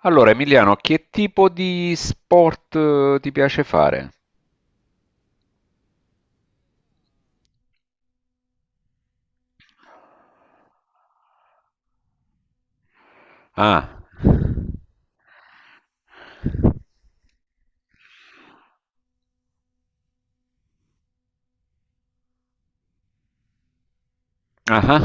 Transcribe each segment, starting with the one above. Allora, Emiliano, che tipo di sport ti piace fare? Ah, ah, ah.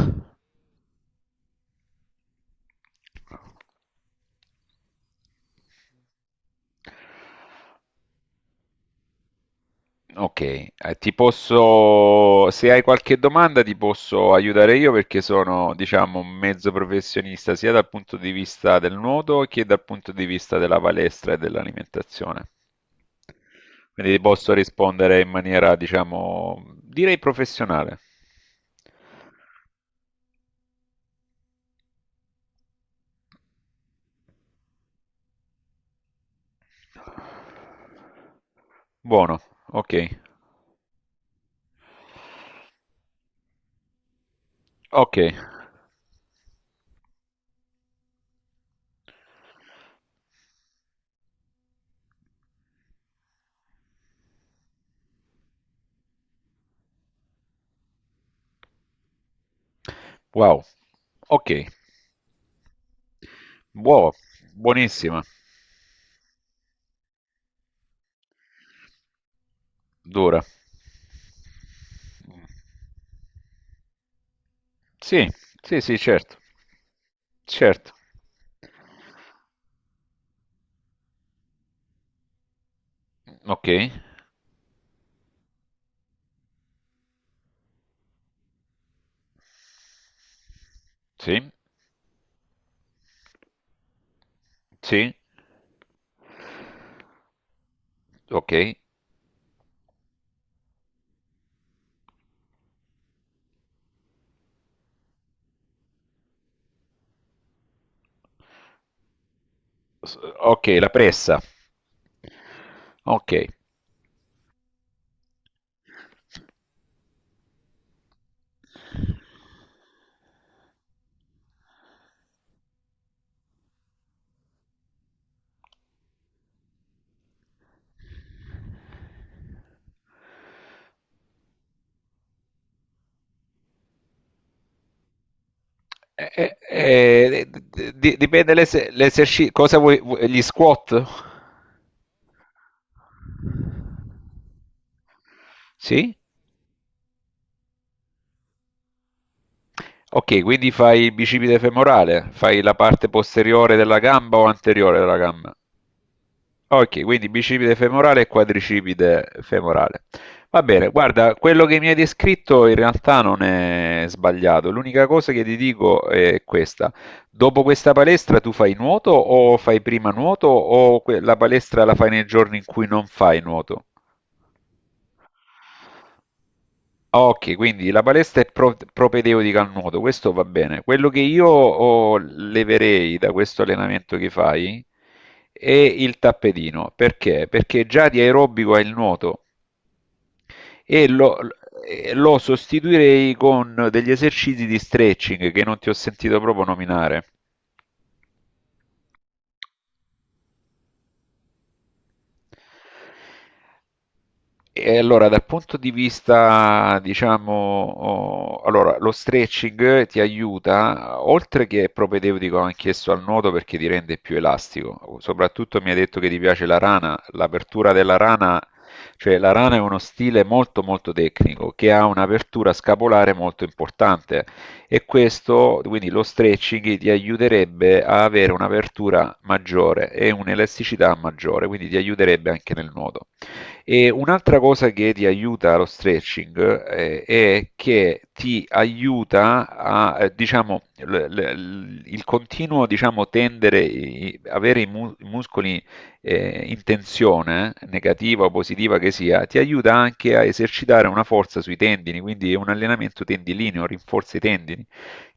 Ok, ti posso, se hai qualche domanda ti posso aiutare io perché sono, diciamo, un mezzo professionista sia dal punto di vista del nuoto che dal punto di vista della palestra e dell'alimentazione. Quindi ti posso rispondere in maniera, diciamo, direi professionale. Buono, ok, ok, wow, ok, buono, buonissima, dura. Sì, sì, sì, certo, certo. Ok, sì, sì, ok. S- Ok, la pressa. Ok. Eh, eh, eh, dipende l'esercizio. Cosa vuoi, gli squat? Sì? Ok, quindi fai il bicipite femorale, fai la parte posteriore della gamba o anteriore della gamba? Ok, quindi bicipite femorale e quadricipite femorale. Va bene, guarda, quello che mi hai descritto in realtà non è sbagliato. L'unica cosa che ti dico è questa. Dopo questa palestra tu fai nuoto o fai prima nuoto o la palestra la fai nei giorni in cui non fai nuoto? Ok, quindi la palestra è propedeutica al nuoto, questo va bene. Quello che io leverei da questo allenamento che fai è il tappetino. Perché? Perché già di aerobico hai il nuoto e lo, e lo sostituirei con degli esercizi di stretching che non ti ho sentito proprio nominare. E allora, dal punto di vista, diciamo, allora, lo stretching ti aiuta, oltre che è propedeutico anch'esso al nuoto perché ti rende più elastico. Soprattutto mi hai detto che ti piace la rana, l'apertura della rana, cioè la rana è uno stile molto molto tecnico che ha un'apertura scapolare molto importante e questo, quindi lo stretching ti aiuterebbe a avere un'apertura maggiore e un'elasticità maggiore, quindi ti aiuterebbe anche nel nuoto. E un'altra cosa che ti aiuta lo stretching è che ti aiuta a, diciamo, il continuo, diciamo, tendere, avere i muscoli in tensione, negativa o positiva che sia, ti aiuta anche a esercitare una forza sui tendini, quindi è un allenamento tendilineo, rinforza i tendini.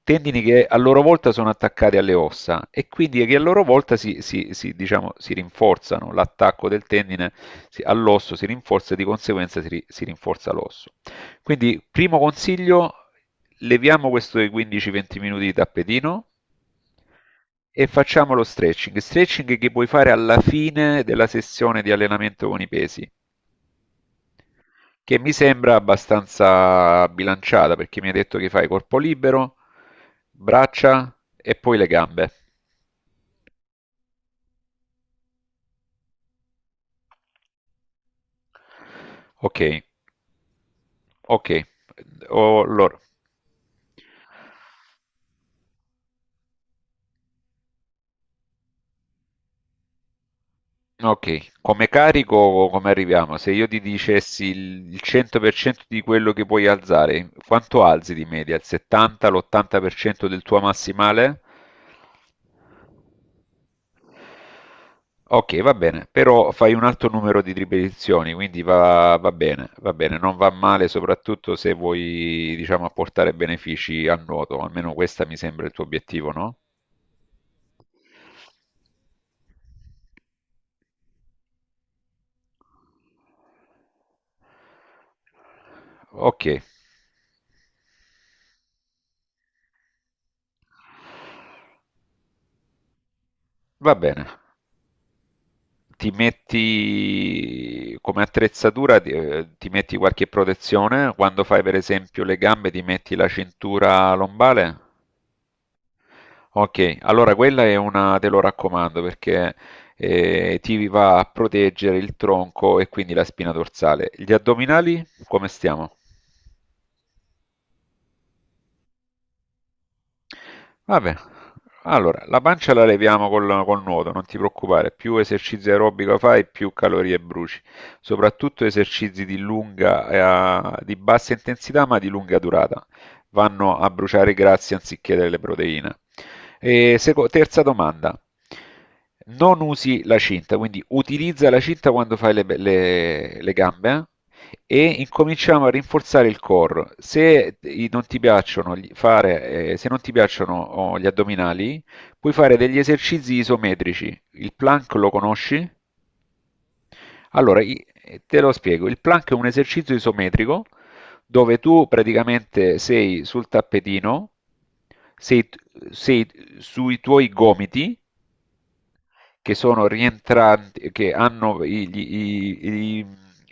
Tendini che a loro volta sono attaccati alle ossa e quindi che a loro volta si, diciamo, si rinforzano, l'attacco del tendine all'osso si rinforza e di conseguenza si rinforza l'osso. Quindi, primo consiglio, leviamo questo dei 15-20 minuti di tappetino e facciamo lo stretching. Stretching che puoi fare alla fine della sessione di allenamento con i pesi che mi sembra abbastanza bilanciata perché mi hai detto che fai corpo libero, braccia e poi le gambe. Ok, ok. Allora, ok, come carico come arriviamo? Se io ti dicessi il 100% di quello che puoi alzare, quanto alzi di media? Il 70, l'80% del tuo massimale? Okay, va bene, però fai un alto numero di ripetizioni, quindi va bene, non va male soprattutto se vuoi, diciamo, apportare benefici al nuoto, almeno questa mi sembra il tuo obiettivo, no? Okay, va bene. Ti metti come attrezzatura, ti metti qualche protezione? Quando fai per esempio le gambe ti metti la cintura lombare? Ok, allora quella è una, te lo raccomando perché ti va a proteggere il tronco e quindi la spina dorsale. Gli addominali, come stiamo? Vabbè, allora la pancia la leviamo col nuoto, non ti preoccupare, più esercizi aerobico fai, più calorie bruci, soprattutto esercizi di lunga, di bassa intensità ma di lunga durata, vanno a bruciare i grassi anziché delle proteine. E terza domanda, non usi la cinta, quindi utilizza la cinta quando fai le gambe, eh? E incominciamo a rinforzare il core. Se non ti piacciono, fare, se non ti piacciono gli addominali, puoi fare degli esercizi isometrici. Il plank lo conosci? Allora, te lo spiego. Il plank è un esercizio isometrico dove tu praticamente sei sul tappetino, sei, sei sui tuoi gomiti che sono rientranti, che hanno i-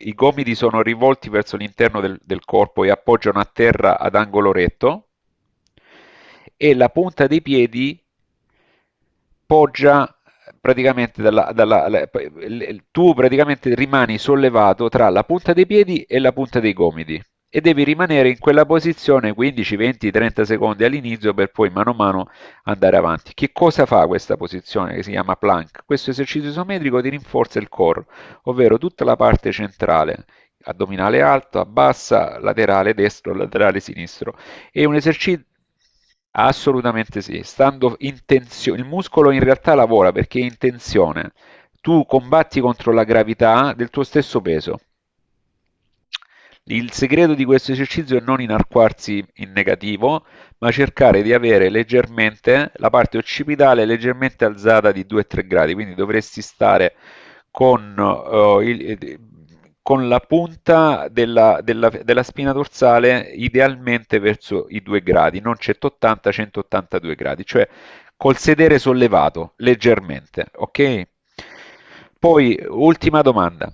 i gomiti sono rivolti verso l'interno del corpo e appoggiano a terra ad angolo retto e la punta dei piedi poggia praticamente tu praticamente rimani sollevato tra la punta dei piedi e la punta dei gomiti e devi rimanere in quella posizione 15, 20, 30 secondi all'inizio per poi mano a mano andare avanti. Che cosa fa questa posizione che si chiama plank? Questo esercizio isometrico ti rinforza il core, ovvero tutta la parte centrale, addominale alta, bassa, laterale destro, laterale sinistro è un esercizio assolutamente sì, stando in tensione, il muscolo in realtà lavora perché è in tensione. Tu combatti contro la gravità del tuo stesso peso. Il segreto di questo esercizio è non inarcarsi in negativo, ma cercare di avere leggermente la parte occipitale leggermente alzata di 2-3 gradi, quindi dovresti stare con, eh, il- eh, con la punta della spina dorsale idealmente verso i 2 gradi, non 180, 182 gradi, cioè col sedere sollevato leggermente, ok? Poi, ultima domanda.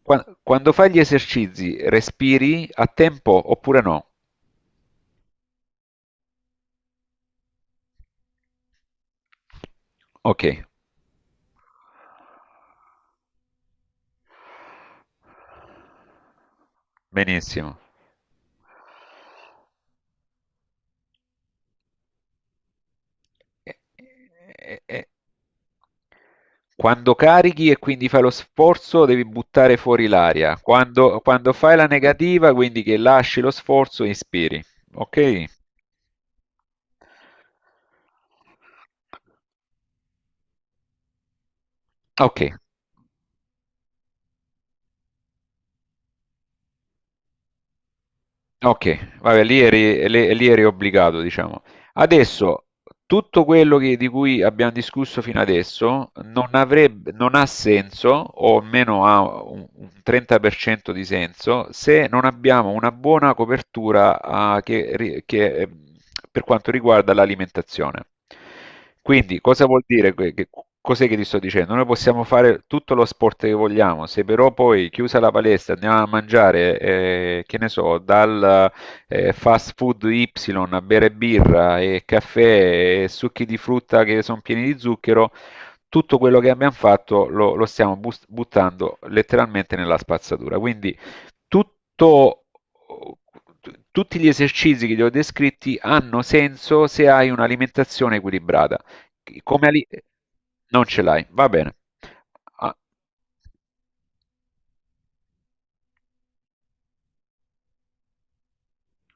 Quando fai gli esercizi, respiri a tempo oppure no? Ok, benissimo. E- e- e- Quando carichi e quindi fai lo sforzo, devi buttare fuori l'aria. Quando fai la negativa, quindi che lasci lo sforzo, inspiri. Ok? Ok. Okay, vabbè lì eri obbligato, diciamo. Adesso, tutto quello di cui abbiamo discusso fino adesso non ha senso, o almeno ha un 30% di senso, se non abbiamo una buona copertura, che, per quanto riguarda l'alimentazione. Quindi, cosa vuol dire? Che, cos'è che ti sto dicendo? Noi possiamo fare tutto lo sport che vogliamo, se però poi chiusa la palestra andiamo a mangiare, che ne so, dal fast food Y, bere birra e caffè e succhi di frutta che sono pieni di zucchero, tutto quello che abbiamo fatto lo stiamo buttando letteralmente nella spazzatura. Quindi tutto, tutti gli esercizi che ti ho descritti hanno senso se hai un'alimentazione equilibrata. Come ali- non ce l'hai, va bene. Ah,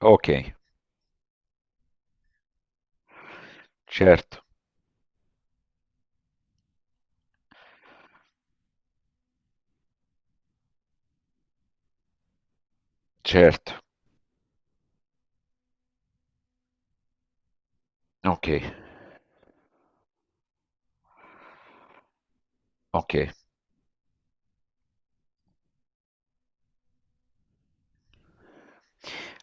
ok, certo, certo, ok, ok.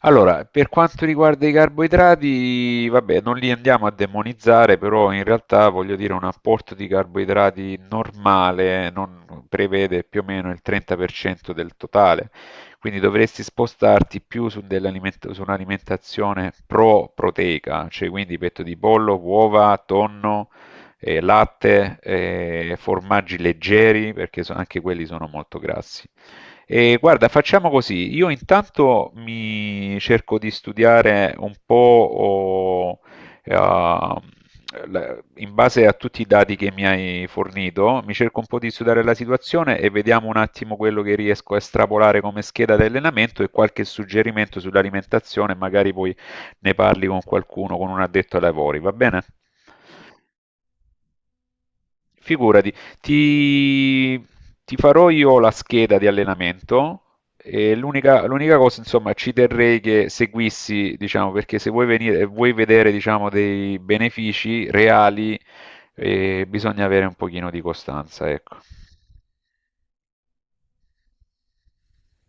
Allora, per quanto riguarda i carboidrati, vabbè, non li andiamo a demonizzare, però in realtà voglio dire un apporto di carboidrati normale non prevede più o meno il 30% del totale, quindi dovresti spostarti più su, su un'alimentazione pro-proteica, cioè quindi petto di pollo, uova, tonno, latte, formaggi leggeri, perché anche quelli sono molto grassi. E guarda, facciamo così. Io intanto mi cerco di studiare un po' o, eh, in base a tutti i dati che mi hai fornito, mi cerco un po' di studiare la situazione e vediamo un attimo quello che riesco a estrapolare come scheda di allenamento e qualche suggerimento sull'alimentazione, magari poi ne parli con qualcuno, con un addetto ai lavori, va bene? Figurati, ti, ti farò io la scheda di allenamento e l'unica cosa, insomma, ci terrei che seguissi, diciamo, perché se vuoi venire, vuoi vedere, diciamo, dei benefici reali, bisogna avere un pochino di costanza, ecco.